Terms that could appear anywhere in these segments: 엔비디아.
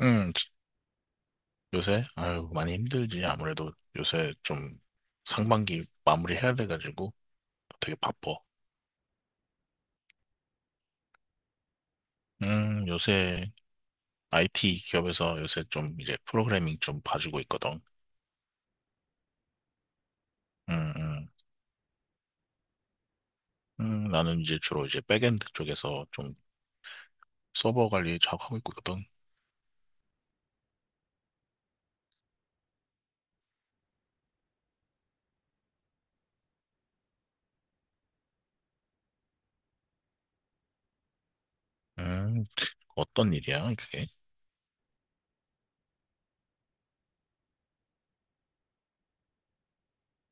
음, 요새? 아유, 많이 힘들지. 아무래도 요새 좀 상반기 마무리해야 돼가지고 되게 바빠. 요새 IT 기업에서 요새 좀 이제 프로그래밍 좀 봐주고 있거든. 음, 음, 나는 이제 주로 이제 백엔드 쪽에서 좀 서버 관리 작업하고 있거든. 음, 어떤 일이야, 그게?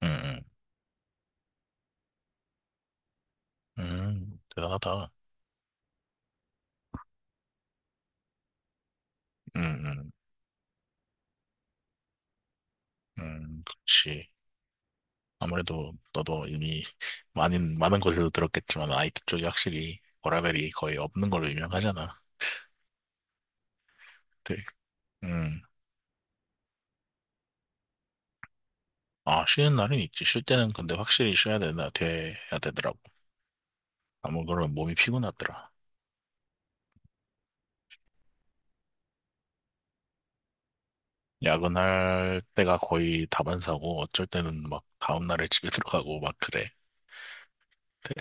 음, 음, 음, 대단하다. 음, 음, 그렇지. 아무래도 너도 이미 많은 곳에서 들었겠지만 IT 쪽이 확실히 워라밸이 거의 없는 걸로 유명하잖아. 네. 음. 아, 쉬는 날은 있지. 쉴 때는 근데 확실히 쉬어야 되나, 돼야 되더라고. 아무 거나 몸이 피곤하더라. 야근할 때가 거의 다반사고 어쩔 때는 막 다음날에 집에 들어가고 막 그래. 대-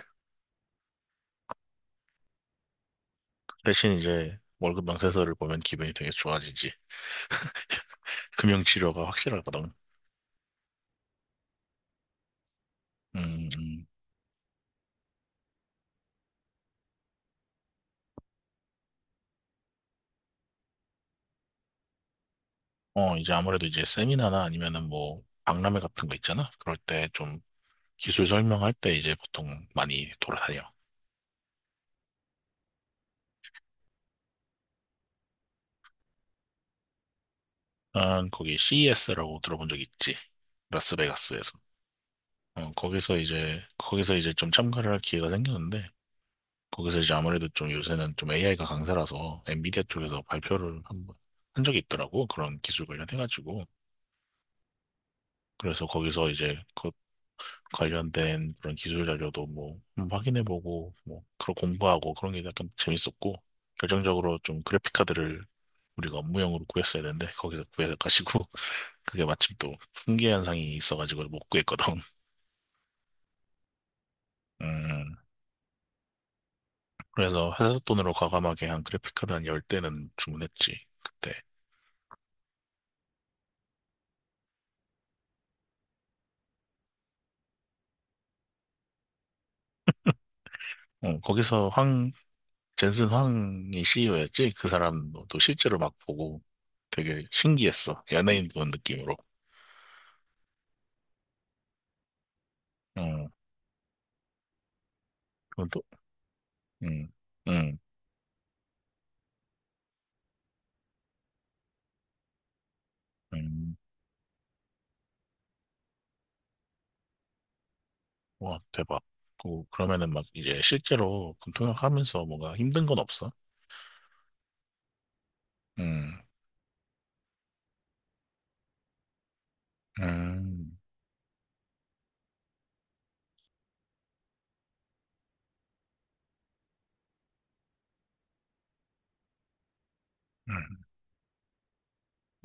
대신 이제 월급 명세서를 보면 기분이 되게 좋아지지. 금융치료가 확실하거든. 음, 음. 어, 이제 아무래도 이제 세미나나 아니면은 뭐 박람회 같은 거 있잖아. 그럴 때 좀 기술 설명할 때 이제 보통 많이 돌아다녀. 난 거기 CES라고 들어본 적 있지. 라스베가스에서. 어, 거기서 이제 좀 참가를 할 기회가 생겼는데 거기서 이제 아무래도 좀 요새는 좀 AI가 강세라서 엔비디아 쪽에서 발표를 한 번 한 적이 있더라고. 그런 기술 관련해가지고. 그래서 거기서 이제 그 관련된 그런 기술 자료도 뭐 확인해보고 뭐 그런 공부하고 그런 게 약간 재밌었고 결정적으로 좀 그래픽 카드를 우리가 업무용으로 구했어야 되는데 거기서 구해가지고 그게 마침 또풍계 현상이 있어가지고 못 구했거든. 음 그래서 회사 돈으로 과감하게 한 그래픽 카드 한 10대는 주문했지 그때. 어, 거기서 황 젠슨 황이 CEO였지. 그 사람도 또 실제로 막 보고 되게 신기했어, 연예인 본 느낌으로. 음 그건 또 음. 음. 음, 와, 대박. 그러면은 막 이제 실제로 군통역 하면서 뭔가 힘든 건 없어? 음, 음, 음,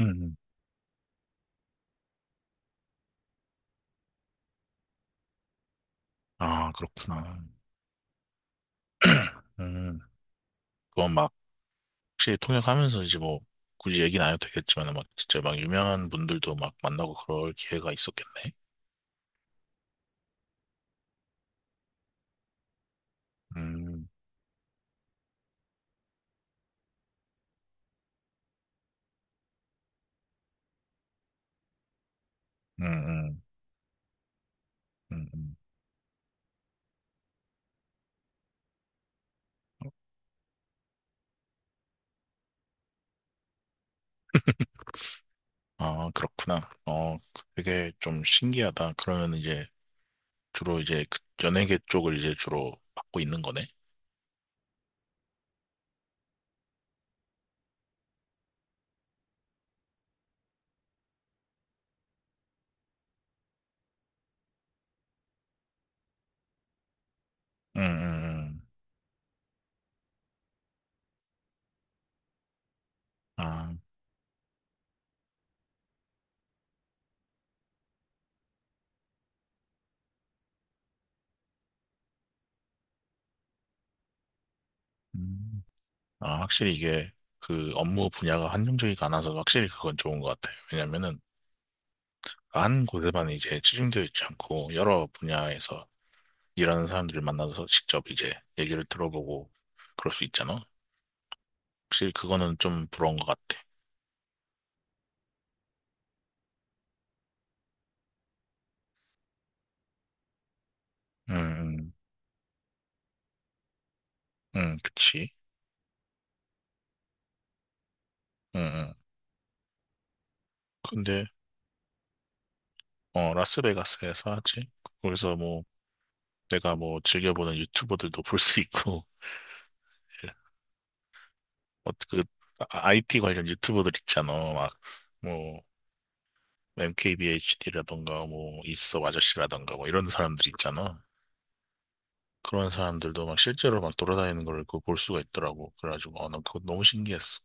음. 아, 그렇구나. 음, 그건 막 혹시 통역하면서 이제 뭐 굳이 얘기는 안 해도 되겠지만 막 진짜 막 유명한 분들도 막 만나고 그럴 기회가 있었겠네. 음, 음, 음, 음, 음. 아, 그렇구나. 어, 되게 좀 신기하다. 그러면 이제 주로 이제 그 연예계 쪽을 이제 주로 맡고 있는 거네. 음, 음, 음. 아. 음. 아, 확실히 이게 그 업무 분야가 한정적이가 않아서 확실히 그건 좋은 것 같아요. 왜냐면은 한 곳에만 이제 치중되어 있지 않고 여러 분야에서 일하는 사람들을 만나서 직접 이제 얘기를 들어보고 그럴 수 있잖아. 확실히 그거는 좀 부러운 것 같아. 응, 응, 응, 그치. 응, 응. 근데, 라스베가스에서 하지? 거기서 뭐, 내가 뭐, 즐겨보는 유튜버들도 볼 수 있고, 그, IT 관련 유튜버들 있잖아. 막, 뭐, MKBHD라던가 뭐 있어 아저씨라던가 뭐 이런 사람들 있잖아. 그런 사람들도 막 실제로 막 돌아다니는 걸 그 볼 수가 있더라고. 그래가지고 아, 난 그거 너무 신기했어.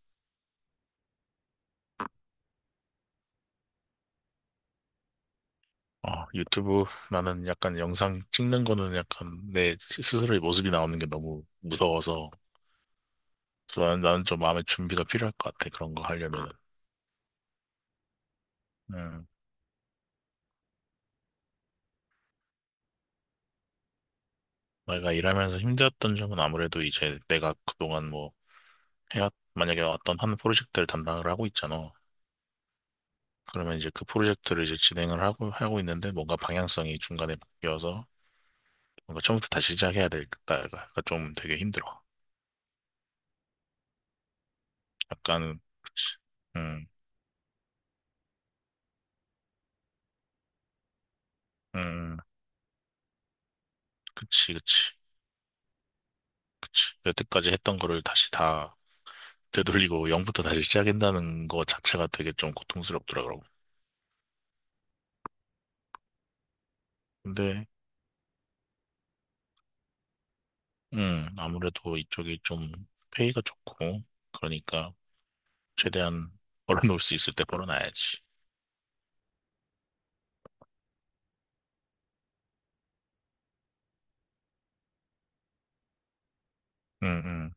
유튜브, 나는 약간 영상 찍는 거는 약간 내 스스로의 모습이 나오는 게 너무 무서워서 나는 좀 마음의 준비가 필요할 것 같아. 그런 거 하려면은. 음. 내가 일하면서 힘들었던 점은 아무래도 이제 내가 그동안 뭐 해왔 만약에 어떤 한 프로젝트를 담당을 하고 있잖아. 그러면 이제 그 프로젝트를 이제 진행을 하고 있는데 뭔가 방향성이 중간에 바뀌어서 뭔가 처음부터 다시 시작해야 되겠다가 좀 되게 힘들어. 약간은, 그치. 음, 음, 음. 그치, 그치, 그치. 여태까지 했던 거를 다시 다 되돌리고 0부터 다시 시작한다는 거 자체가 되게 좀 고통스럽더라고. 근데, 아무래도 이쪽이 좀 페이가 좋고, 그러니까 최대한 벌어놓을 수 있을 때 벌어놔야지. 음, 음.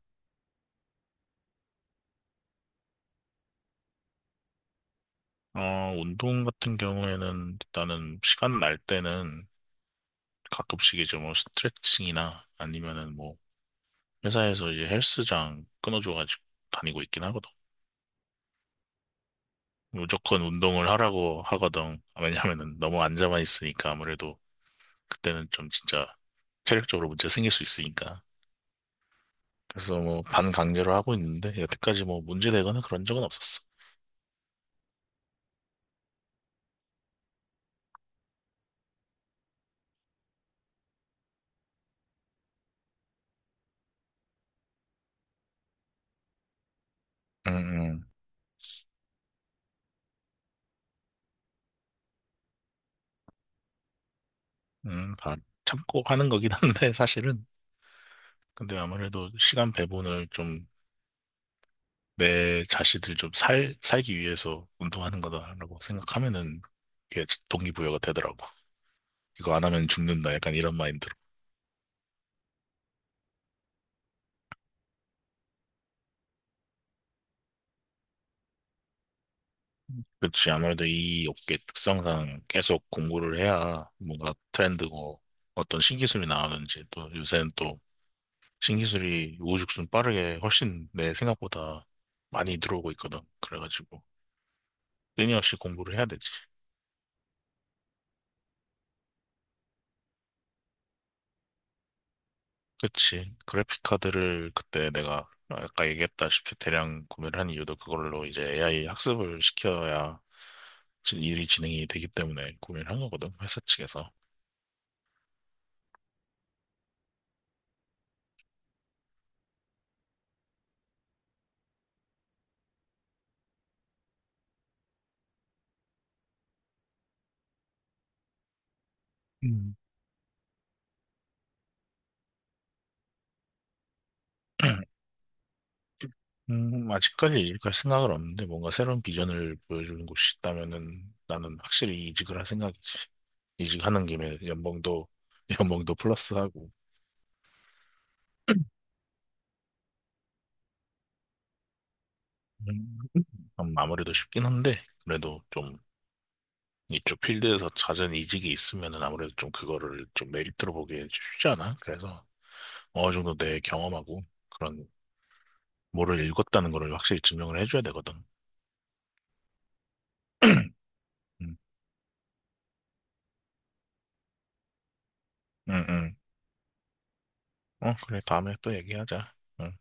운동 같은 경우에는 일단은 시간 날 때는 가끔씩 이제 뭐 스트레칭이나 아니면은 뭐 회사에서 이제 헬스장 끊어줘가지고 다니고 있긴 하거든. 무조건 운동을 하라고 하거든. 왜냐면은 너무 앉아만 있으니까 아무래도 그때는 좀 진짜 체력적으로 문제 생길 수 있으니까. 그래서 뭐 반강제로 하고 있는데 여태까지 뭐 문제 되거나 그런 적은 없었어. 음, 음, 다 참고 하는 거긴 한데 사실은. 근데 아무래도 시간 배분을 좀 내 자신을 좀 살기 위해서 운동하는 거다라고 생각하면은 이게 동기부여가 되더라고. 이거 안 하면 죽는다. 약간 이런 마인드로. 그렇지. 아무래도 이 업계 특성상 계속 공부를 해야 뭔가 트렌드고 어떤 신기술이 나오는지 또 요새는 또 신기술이 우후죽순 빠르게 훨씬 내 생각보다 많이 들어오고 있거든. 그래가지고 끊임없이 공부를 해야 되지. 그치. 그래픽 카드를 그때 내가 아까 얘기했다시피 대량 구매를 한 이유도 그걸로 이제 AI 학습을 시켜야 일이 진행이 되기 때문에 구매를 한 거거든, 회사 측에서. 음. 아직까지 이직할 생각은 없는데 뭔가 새로운 비전을 보여주는 곳이 있다면은 나는 확실히 이직을 할 생각이지. 이직하는 김에 연봉도 연봉도 플러스하고 음, 아무래도 쉽긴 한데 그래도 좀 이쪽 필드에서 잦은 이직이 있으면은 아무래도 좀 그거를 좀 메리트로 보기엔 쉽지 않아. 그래서 어느 정도 내 경험하고 그런 뭐를 읽었다는 거를 확실히 증명을 해줘야 되거든. 응 응 응 응. 어, 그래 다음에 또 얘기하자. 응.